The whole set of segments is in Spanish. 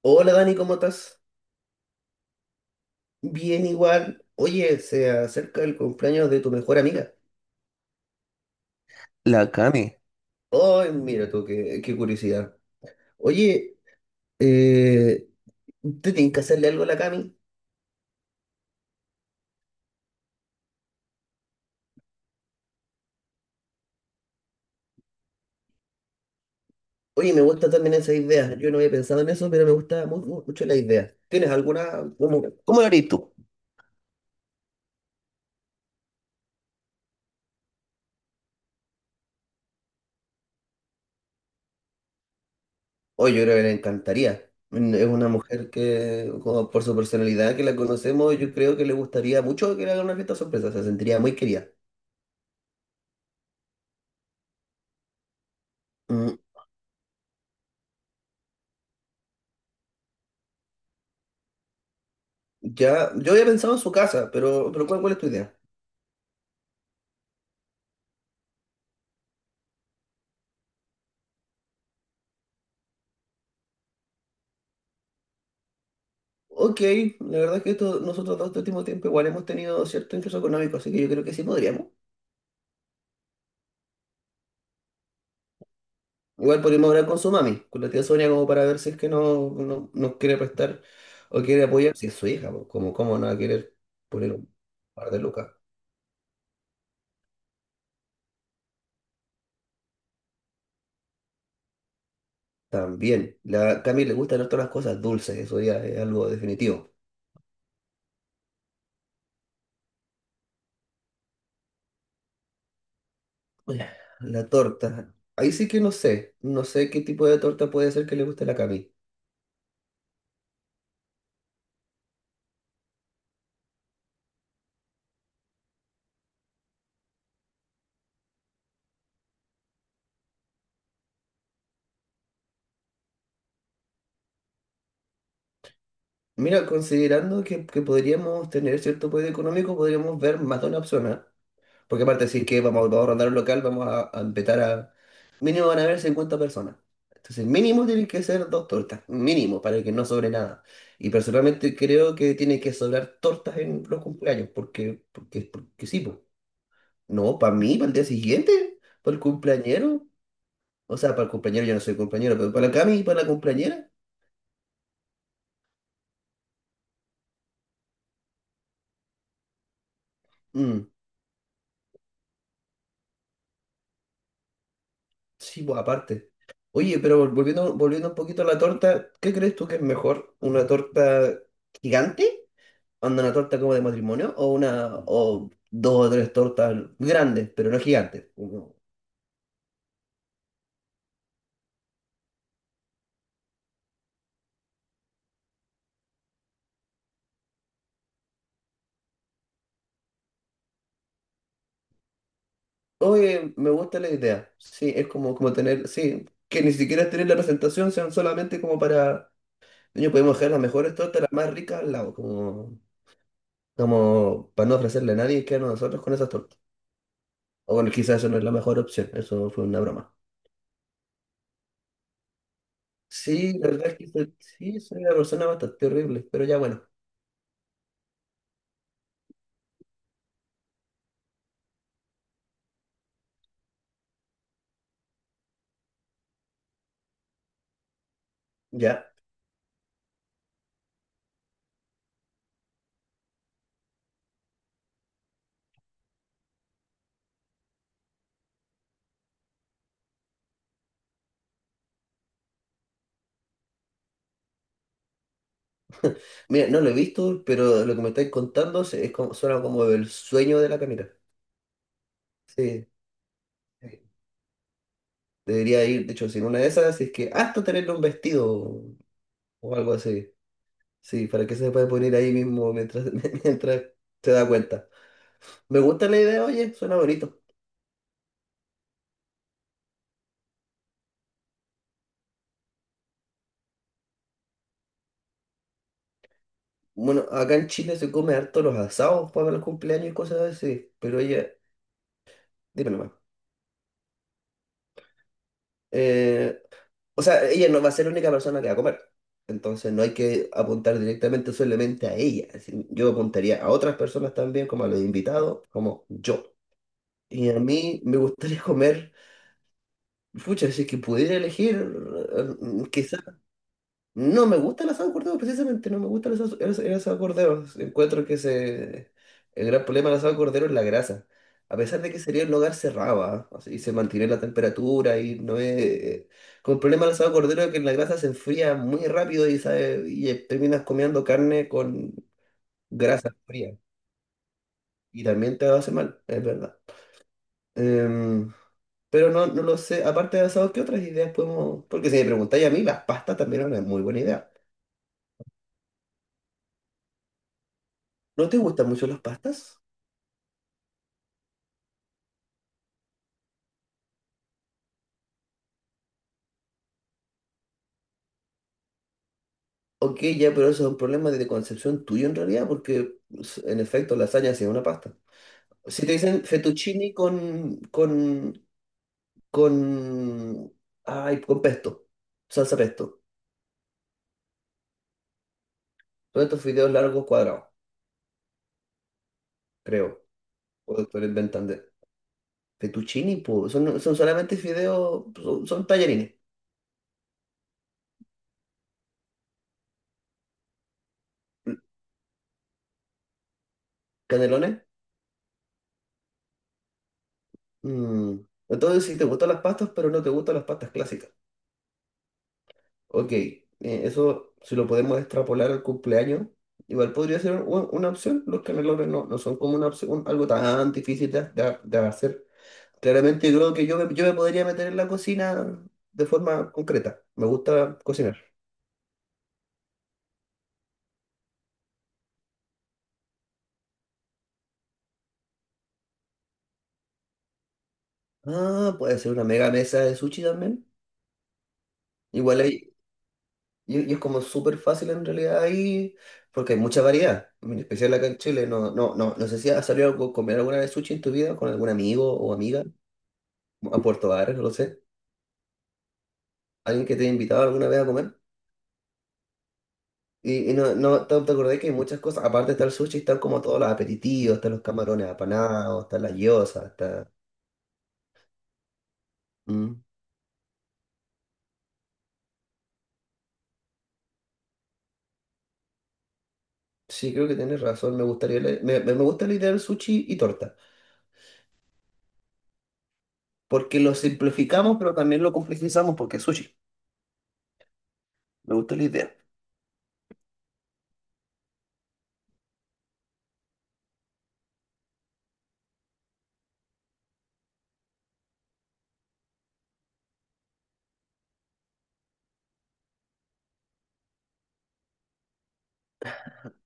Hola Dani, ¿cómo estás? Bien igual. Oye, se acerca el cumpleaños de tu mejor amiga. La Cami. Ay, mira tú, qué curiosidad. Oye, eh, ¿te tienes que hacerle algo a la Cami? Oye, me gusta también esa idea. Yo no había pensado en eso, pero me gusta mucho la idea. ¿Tienes alguna? ¿Cómo lo harías tú? Oye, yo creo que le encantaría. Mm, es una mujer que, como por su personalidad que la conocemos, yo creo que le gustaría mucho que le hagan una fiesta sorpresa. Se sentiría muy querida. Ya, yo había pensado en su casa, pero ¿cuál es tu idea? Ok, la verdad es que esto, nosotros dos este último tiempo igual hemos tenido cierto ingreso económico, así que yo creo que sí podríamos. Igual podríamos hablar con su mami, con la tía Sonia, como para ver si es que nos quiere prestar o quiere apoyar. Si es su hija, pues, como cómo no va a querer poner un par de lucas. También, la Cami le gustan harto las cosas dulces, eso ya es algo definitivo. Oye, la torta, ahí sí que no sé, no sé qué tipo de torta puede ser que le guste a la Cami. Mira, considerando que podríamos tener cierto poder económico, podríamos ver más de una opción, ¿ah? Porque aparte de decir que vamos a rondar un local, vamos a empezar a... Mínimo van a haber 50 personas. Entonces, mínimo tienen que ser 2 tortas, mínimo, para que no sobre nada. Y personalmente creo que tiene que sobrar tortas en los cumpleaños, porque sí, pues. No, para mí, para el día siguiente, para el cumpleañero. O sea, para el cumpleañero yo no soy cumpleañero, pero para la Cami, para la cumpleañera. Mm, sí, pues aparte. Oye, pero volviendo un poquito a la torta, ¿qué crees tú que es mejor? ¿Una torta gigante? ¿Onda una torta como de matrimonio? ¿O una, o dos o tres tortas grandes, pero no gigantes? Como, oye, me gusta la idea. Sí, es como, como tener, sí, que ni siquiera tener la presentación, sean solamente como para, niño, podemos dejar las mejores tortas, las más ricas al lado, como, como para no ofrecerle a nadie que a nosotros con esas tortas. O bueno, quizás eso no es la mejor opción, eso fue una broma. Sí, la verdad es que soy, sí, soy una persona bastante horrible, pero ya bueno, ya. Mira, no lo he visto, pero lo que me estáis contando es como, suena como el sueño de la Camila. Sí, sí, debería ir, de hecho, sin una de esas, si es que hasta tenerle un vestido o algo así. Sí, para que se pueda poner ahí mismo mientras, mientras se da cuenta. Me gusta la idea, oye, suena bonito. Bueno, acá en Chile se come harto los asados para los cumpleaños y cosas así, pero oye, dime nomás. Eh, O sea, ella no va a ser la única persona que va a comer. Entonces no hay que apuntar directamente solamente a ella. Es decir, yo apuntaría a otras personas también, como a los invitados, como yo. Y a mí me gustaría comer, pucha, si es que pudiera elegir, no me gusta el asado de cordero, precisamente, no me gusta el asado, el el asado de cordero. Encuentro que se, el gran problema del asado de cordero es la grasa. A pesar de que sería un hogar cerrado, ¿ah? O sea, y se mantiene la temperatura y no es... Con el problema del asado de cordero es que la grasa se enfría muy rápido y, sabe, y terminas comiendo carne con grasa fría. Y también te hace mal, es verdad. Em, pero no, no lo sé, aparte de asado, ¿qué otras ideas podemos...? Porque si me preguntáis a mí, las pastas también eran una muy buena idea. ¿No te gustan mucho las pastas? Ok, ya, pero eso es un problema de concepción tuyo en realidad, porque pues, en efecto lasaña sí es una pasta. Si te dicen fettuccini con, ay, con pesto, salsa pesto, todos estos fideos largos cuadrados, creo, o esto lo inventan de fettuccini, pues, son, son solamente fideos, son, son tallarines, canelones. Mm. Entonces, si te gustan las pastas, pero no te gustan las pastas clásicas. Ok, eso si lo podemos extrapolar al cumpleaños, igual podría ser una opción. Los canelones no, no son como una opción, algo tan difícil de hacer. Claramente creo que yo me podría meter en la cocina de forma concreta. Me gusta cocinar. Ah, puede ser una mega mesa de sushi también. Igual hay, y es como súper fácil en realidad ahí, porque hay mucha variedad, en especial acá en Chile. No sé si has salido a comer alguna vez sushi en tu vida con algún amigo o amiga a Puerto Varas, no lo sé. ¿Alguien que te haya invitado alguna vez a comer? Y no, no te acordás que hay muchas cosas, aparte está el sushi, están como todos los aperitivos, están los camarones apanados, están las gyozas, está... Mm. Sí, creo que tienes razón, me gustaría me gusta la idea del sushi y torta, porque lo simplificamos, pero también lo complejizamos porque es sushi. Me gusta la idea.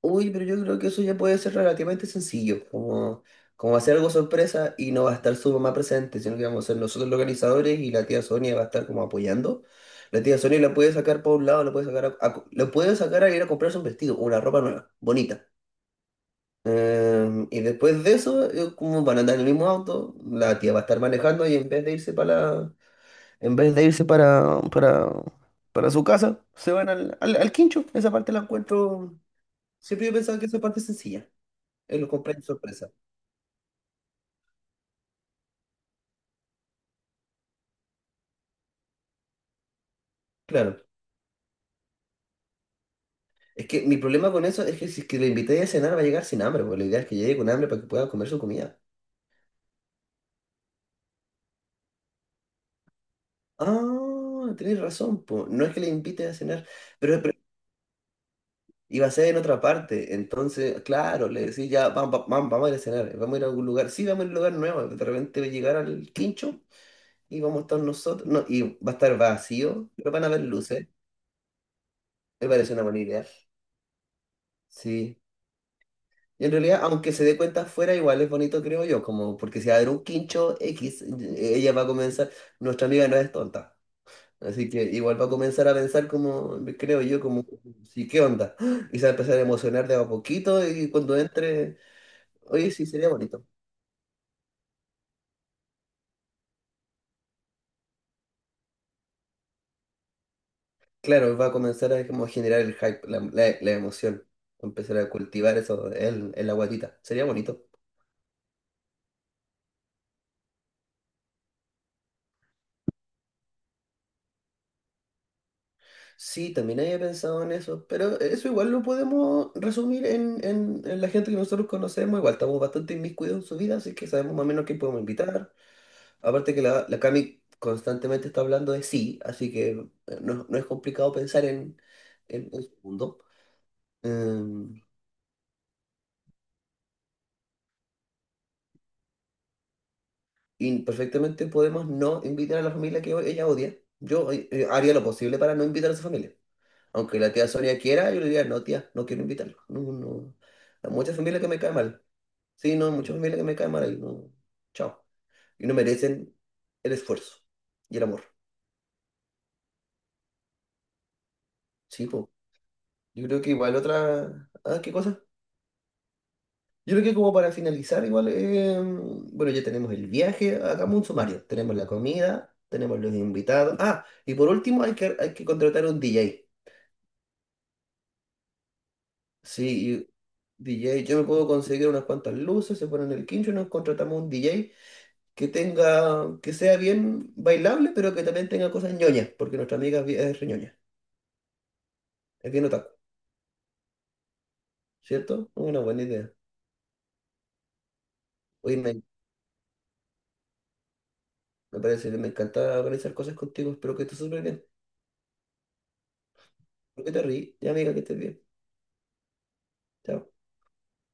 Uy, pero yo creo que eso ya puede ser relativamente sencillo, como, como hacer algo sorpresa y no va a estar su mamá presente, sino que vamos a ser nosotros los organizadores y la tía Sonia va a estar como apoyando. La tía Sonia la puede sacar por un lado, la puede sacar la puede sacar a ir a comprarse un vestido, una ropa nueva, bonita. Y después de eso, como van a andar en el mismo auto, la tía va a estar manejando y en vez de irse para en vez de irse para su casa, se van al, al, al quincho. Esa parte la encuentro. Siempre yo pensaba que esa parte es sencilla. Lo compráis de sorpresa. Claro. Es que mi problema con eso es que si es que le invité a cenar va a llegar sin hambre, porque la idea es que llegue con hambre para que pueda comer su comida. Ah, tenés razón, po. No es que le invite a cenar, pero iba a ser en otra parte. Entonces, claro, le decís ya, vamos a ir a cenar, vamos a ir a algún lugar. Sí, vamos a ir a un lugar nuevo. De repente va a llegar al quincho y vamos a estar nosotros. No, y va a estar vacío, pero van a haber luces. Me parece una buena idea. Sí. Y en realidad, aunque se dé cuenta afuera, igual es bonito, creo yo, como porque si va a haber un quincho X, ella va a comenzar, nuestra amiga no es tonta, así que igual va a comenzar a pensar como, creo yo, como, sí, ¿qué onda? ¡Ah! Y se va a empezar a emocionar de a poquito y cuando entre, oye, sí, sería bonito. Claro, va a comenzar a como generar el hype, la emoción, va a empezar a cultivar eso en la guatita, sería bonito. Sí, también había pensado en eso, pero eso igual lo podemos resumir en la gente que nosotros conocemos, igual estamos bastante inmiscuidos en su vida, así que sabemos más o menos quién podemos invitar. Aparte que la Cami constantemente está hablando de sí, así que no, no es complicado pensar en su mundo. Em, y perfectamente podemos no invitar a la familia que ella odia. Yo haría lo posible para no invitar a su familia. Aunque la tía Sonia quiera, yo le diría, no, tía, no quiero invitarlo. No, no. Hay muchas familias que me caen mal. Sí, no, mucha familia que me cae mal ahí, no. Chao. Y no merecen el esfuerzo y el amor. Sí, pues. Yo creo que igual otra. Ah, ¿qué cosa? Yo creo que como para finalizar, igual, bueno, ya tenemos el viaje, hagamos un sumario. Tenemos la comida, tenemos los invitados. Ah, y por último, hay que contratar un DJ. Sí, y DJ, yo me puedo conseguir unas cuantas luces, se ponen el quincho y nos contratamos un DJ que tenga, que sea bien bailable, pero que también tenga cosas ñoñas, porque nuestra amiga es es re ñoña, es bien otaku. ¿Cierto? Una buena idea. Oye, me parece que me encanta organizar cosas contigo. Espero que estés súper bien. Espero que te ríes. Ya, amiga, que estés bien. Chao.